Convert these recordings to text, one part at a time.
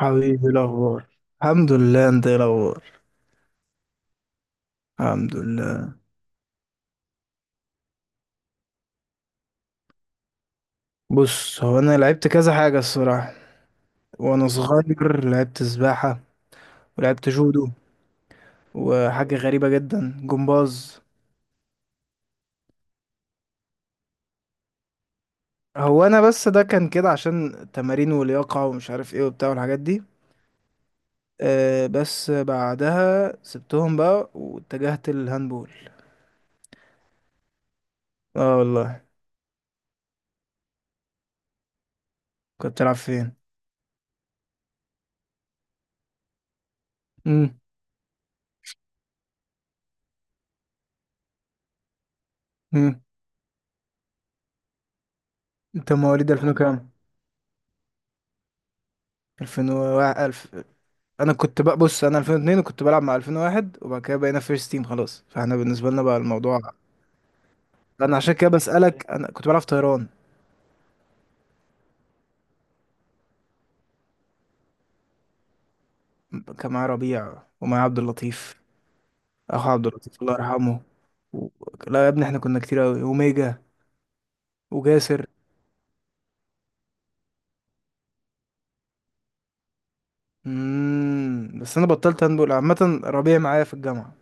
حبيبي، إيه الاخبار؟ الحمد لله، انت ايه الاخبار؟ الحمد لله. بص، هو انا لعبت كذا حاجه الصراحه. وانا صغير لعبت سباحه، ولعبت جودو، وحاجه غريبه جدا جمباز. هو انا بس ده كان كده عشان تمارين ولياقه ومش عارف ايه وبتاع والحاجات دي. أه بس بعدها سبتهم بقى واتجهت للهاندبول. اه والله. كنت بتلعب فين؟ امم امم انت مواليد 2000 كام؟ 2000 و 1000. انا كنت بقى، بص انا 2002 وكنت بلعب مع 2001، وبعد كده بقينا فيرست تيم خلاص، فاحنا بالنسبه لنا بقى الموضوع. انا عشان كده بسالك، انا كنت بلعب في طيران. كان معايا ربيع ومعايا عبد اللطيف، اخو عبد اللطيف الله يرحمه. و... لا يا ابني احنا كنا كتير قوي، وميجا وجاسر. بس انا بطلت هاندبول عامه، ربيع معايا في الجامعه.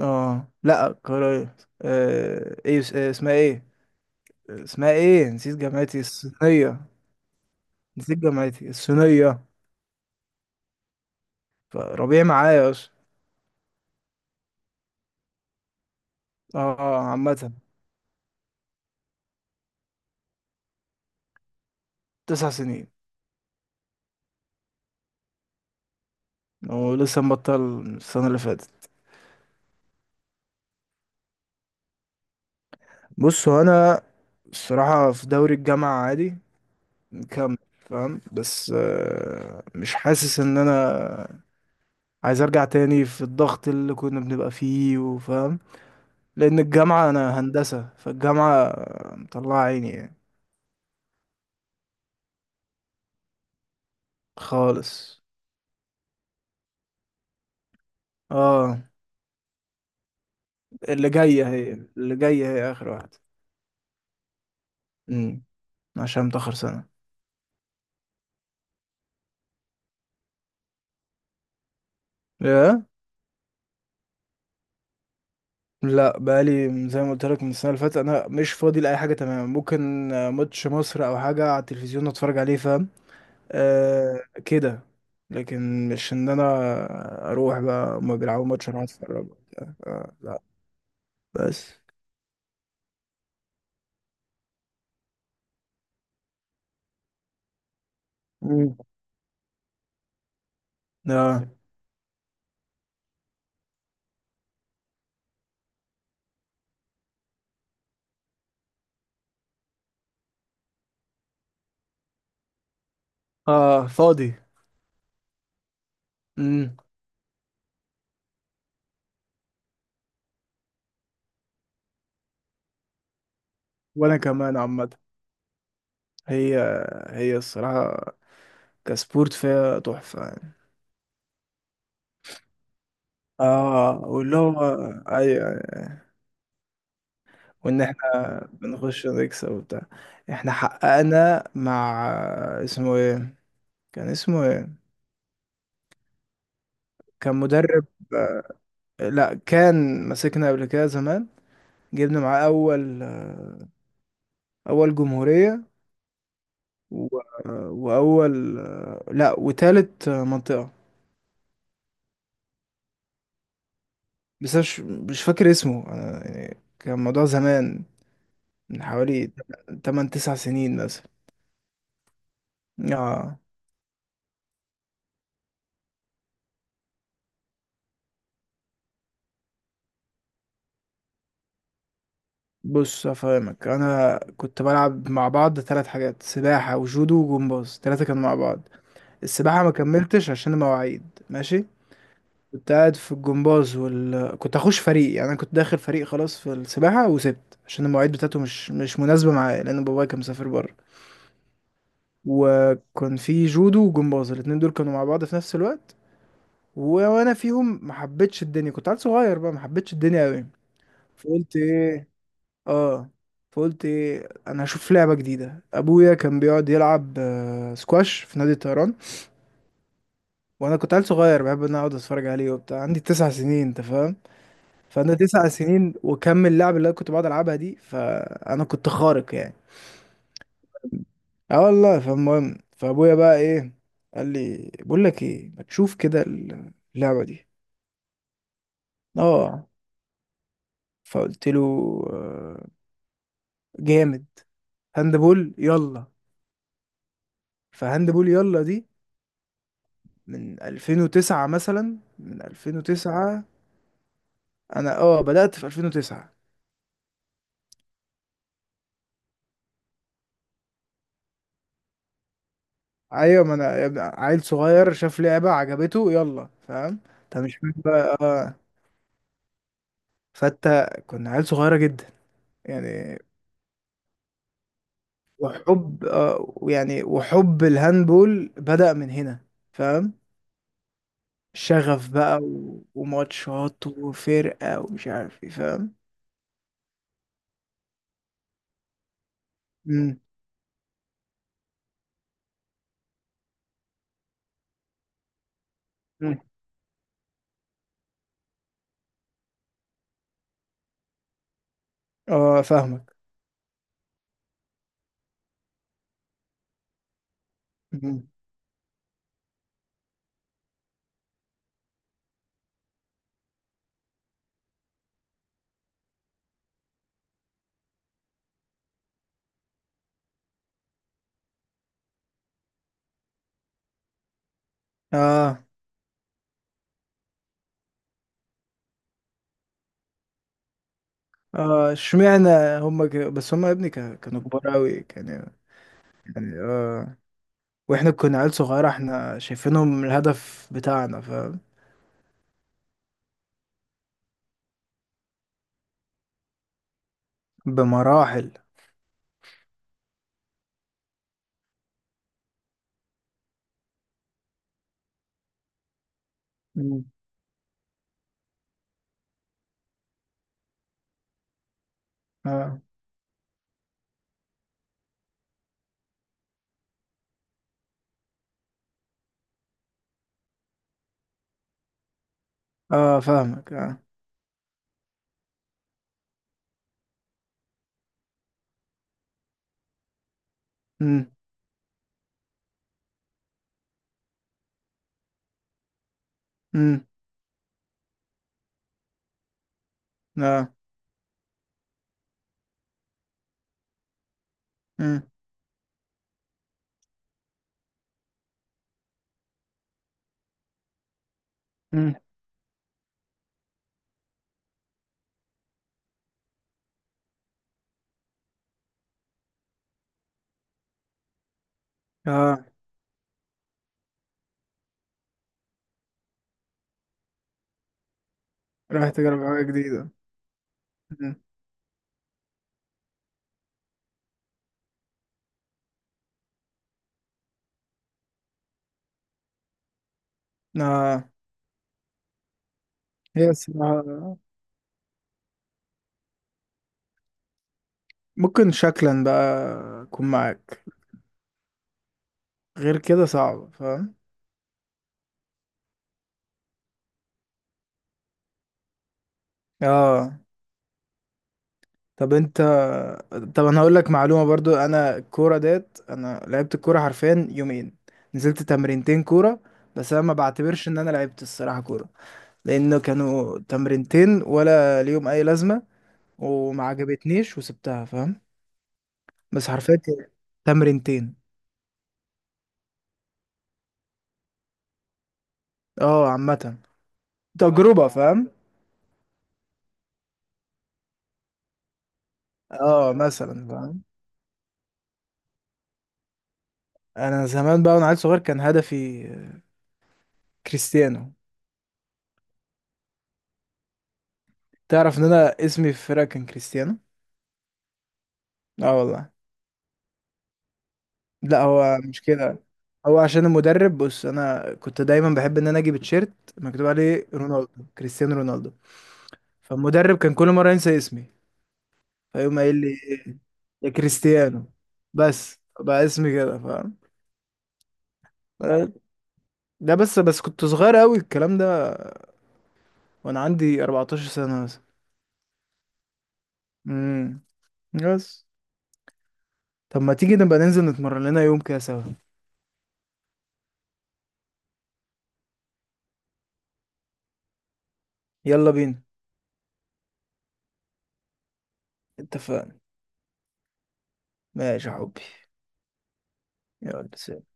اه لا، قرايه. ايه اسمها ايه؟ اسمها ايه، نسيت جامعتي الصينيه. نسيت جامعتي الصينيه. فربيع معايا اصلا. اه اه عامة. تسع سنين. ولسه مبطل السنة اللي فاتت. بص هو أنا الصراحة في دوري الجامعة عادي، مكمل فاهم، بس مش حاسس إن أنا عايز أرجع تاني في الضغط اللي كنا بنبقى فيه، وفاهم لأن الجامعة، أنا هندسة فالجامعة مطلعة عيني يعني خالص. اه، اللي جاية هي آخر واحدة. امم عشان متأخر سنة. لا، بقالي زي ما قلت لك من السنه اللي فاتت انا مش فاضي لاي حاجه، تمام؟ ممكن ماتش مصر او حاجه على التلفزيون اتفرج عليه، فاهم. أه كده. لكن مش ان انا اروح بقى هما بيلعبوا ماتش اروح اتفرج وبتاع. أه لا. بس. مم. اه اه فاضي. مم. وانا كمان عامه. هي هي الصراحه كسبورت فيها تحفه يعني. اه واللي هو ايوه، وان احنا بنخش نكسب وبتاع. احنا حققنا مع... اسمه ايه، كان اسمه ايه؟ كان مدرب. لا كان... مسكنا قبل كده زمان. جبنا معاه اول جمهورية، و... واول... لا، وتالت منطقة. بس مش فاكر اسمه أنا يعني، كان الموضوع زمان، من حوالي 8 9 سنين مثلا. اه. بص افهمك، انا كنت بلعب مع بعض ثلاث حاجات: سباحه وجودو وجمباز، ثلاثه كانوا مع بعض. السباحه ما كملتش عشان المواعيد، ماشي. كنت قاعد في الجمباز كنت هخش فريق، يعني انا كنت داخل فريق خلاص في السباحه، وسبت عشان المواعيد بتاعته مش مناسبه معايا، لان بابايا كان مسافر بره. وكان في جودو وجمباز، الاتنين دول كانوا مع بعض في نفس الوقت. وانا فيهم ما حبيتش الدنيا، كنت عيل صغير بقى ما حبيتش الدنيا قوي. فقلت ايه اه فقلت ايه، انا هشوف لعبه جديده. ابويا كان بيقعد يلعب سكواش في نادي الطيران، وانا كنت عيل صغير بحب ان أنا اقعد اتفرج عليه وبتاع، عندي تسع سنين انت فاهم. فانا تسع سنين وكم اللعب اللي انا كنت بقعد العبها دي، فانا كنت خارق يعني. اه والله. فالمهم، فابويا بقى ايه، قال لي بقول لك ايه، ما تشوف كده اللعبه دي؟ اه. فقلت له آه، جامد، هاندبول يلا. فهاندبول يلا دي من 2009 مثلا، من 2009. انا بدأت في 2009. ايوه، ما انا يا ابني عيل صغير شاف لعبة عجبته يلا، فاهم؟ انت مش فاهم بقى، اه. فانت كنا عيل صغيرة جدا يعني. وحب ويعني وحب الهاندبول بدأ من هنا، فاهم. شغف بقى وماتشات وفرقة ومش عارف ايه، فاهم. مم. مم. اه فاهمك. مم. اه اه اشمعنى؟ بس هم يا ابني، كانوا كبار قوي كان يعني. اه. واحنا كنا عيال صغيرة، احنا شايفينهم الهدف بتاعنا، فاهم. بمراحل. مم. اه اه فاهمك اه. امم امم اه. امم امم اه. رايح تجرب حاجة جديدة. مم. اه، هي الصراحة ممكن شكلا بقى اكون معاك، غير كده صعب، فاهم. اه. طب انت طب انا هقول لك معلومه برضو، انا الكوره ديت انا لعبت الكوره حرفيا يومين، نزلت تمرينتين كوره. بس انا ما بعتبرش ان انا لعبت الصراحه كوره، لانه كانوا تمرينتين ولا ليهم اي لازمه، وما عجبتنيش وسبتها، فاهم. بس حرفيا كان تمرينتين. اه عامه تجربه فاهم. اه مثلا فاهم. انا زمان بقى وانا عيل صغير كان هدفي كريستيانو. تعرف ان انا اسمي في الفرقه كان كريستيانو؟ اه والله. لا، هو مش كده، هو عشان المدرب. بص انا كنت دايما بحب ان انا اجيب تيشيرت مكتوب عليه رونالدو، كريستيانو رونالدو. فالمدرب كان كل مره ينسى اسمي، فيقوم قايل لي يا كريستيانو. بس بقى اسمي كده فاهم. ده بس، كنت صغير قوي الكلام ده، وانا عندي 14 سنه مثلا. امم بس. طب ما تيجي نبقى ننزل نتمرن لنا يوم كده سوا؟ يلا بينا. اتفقنا. ماشي يا حبي. يلا سلام.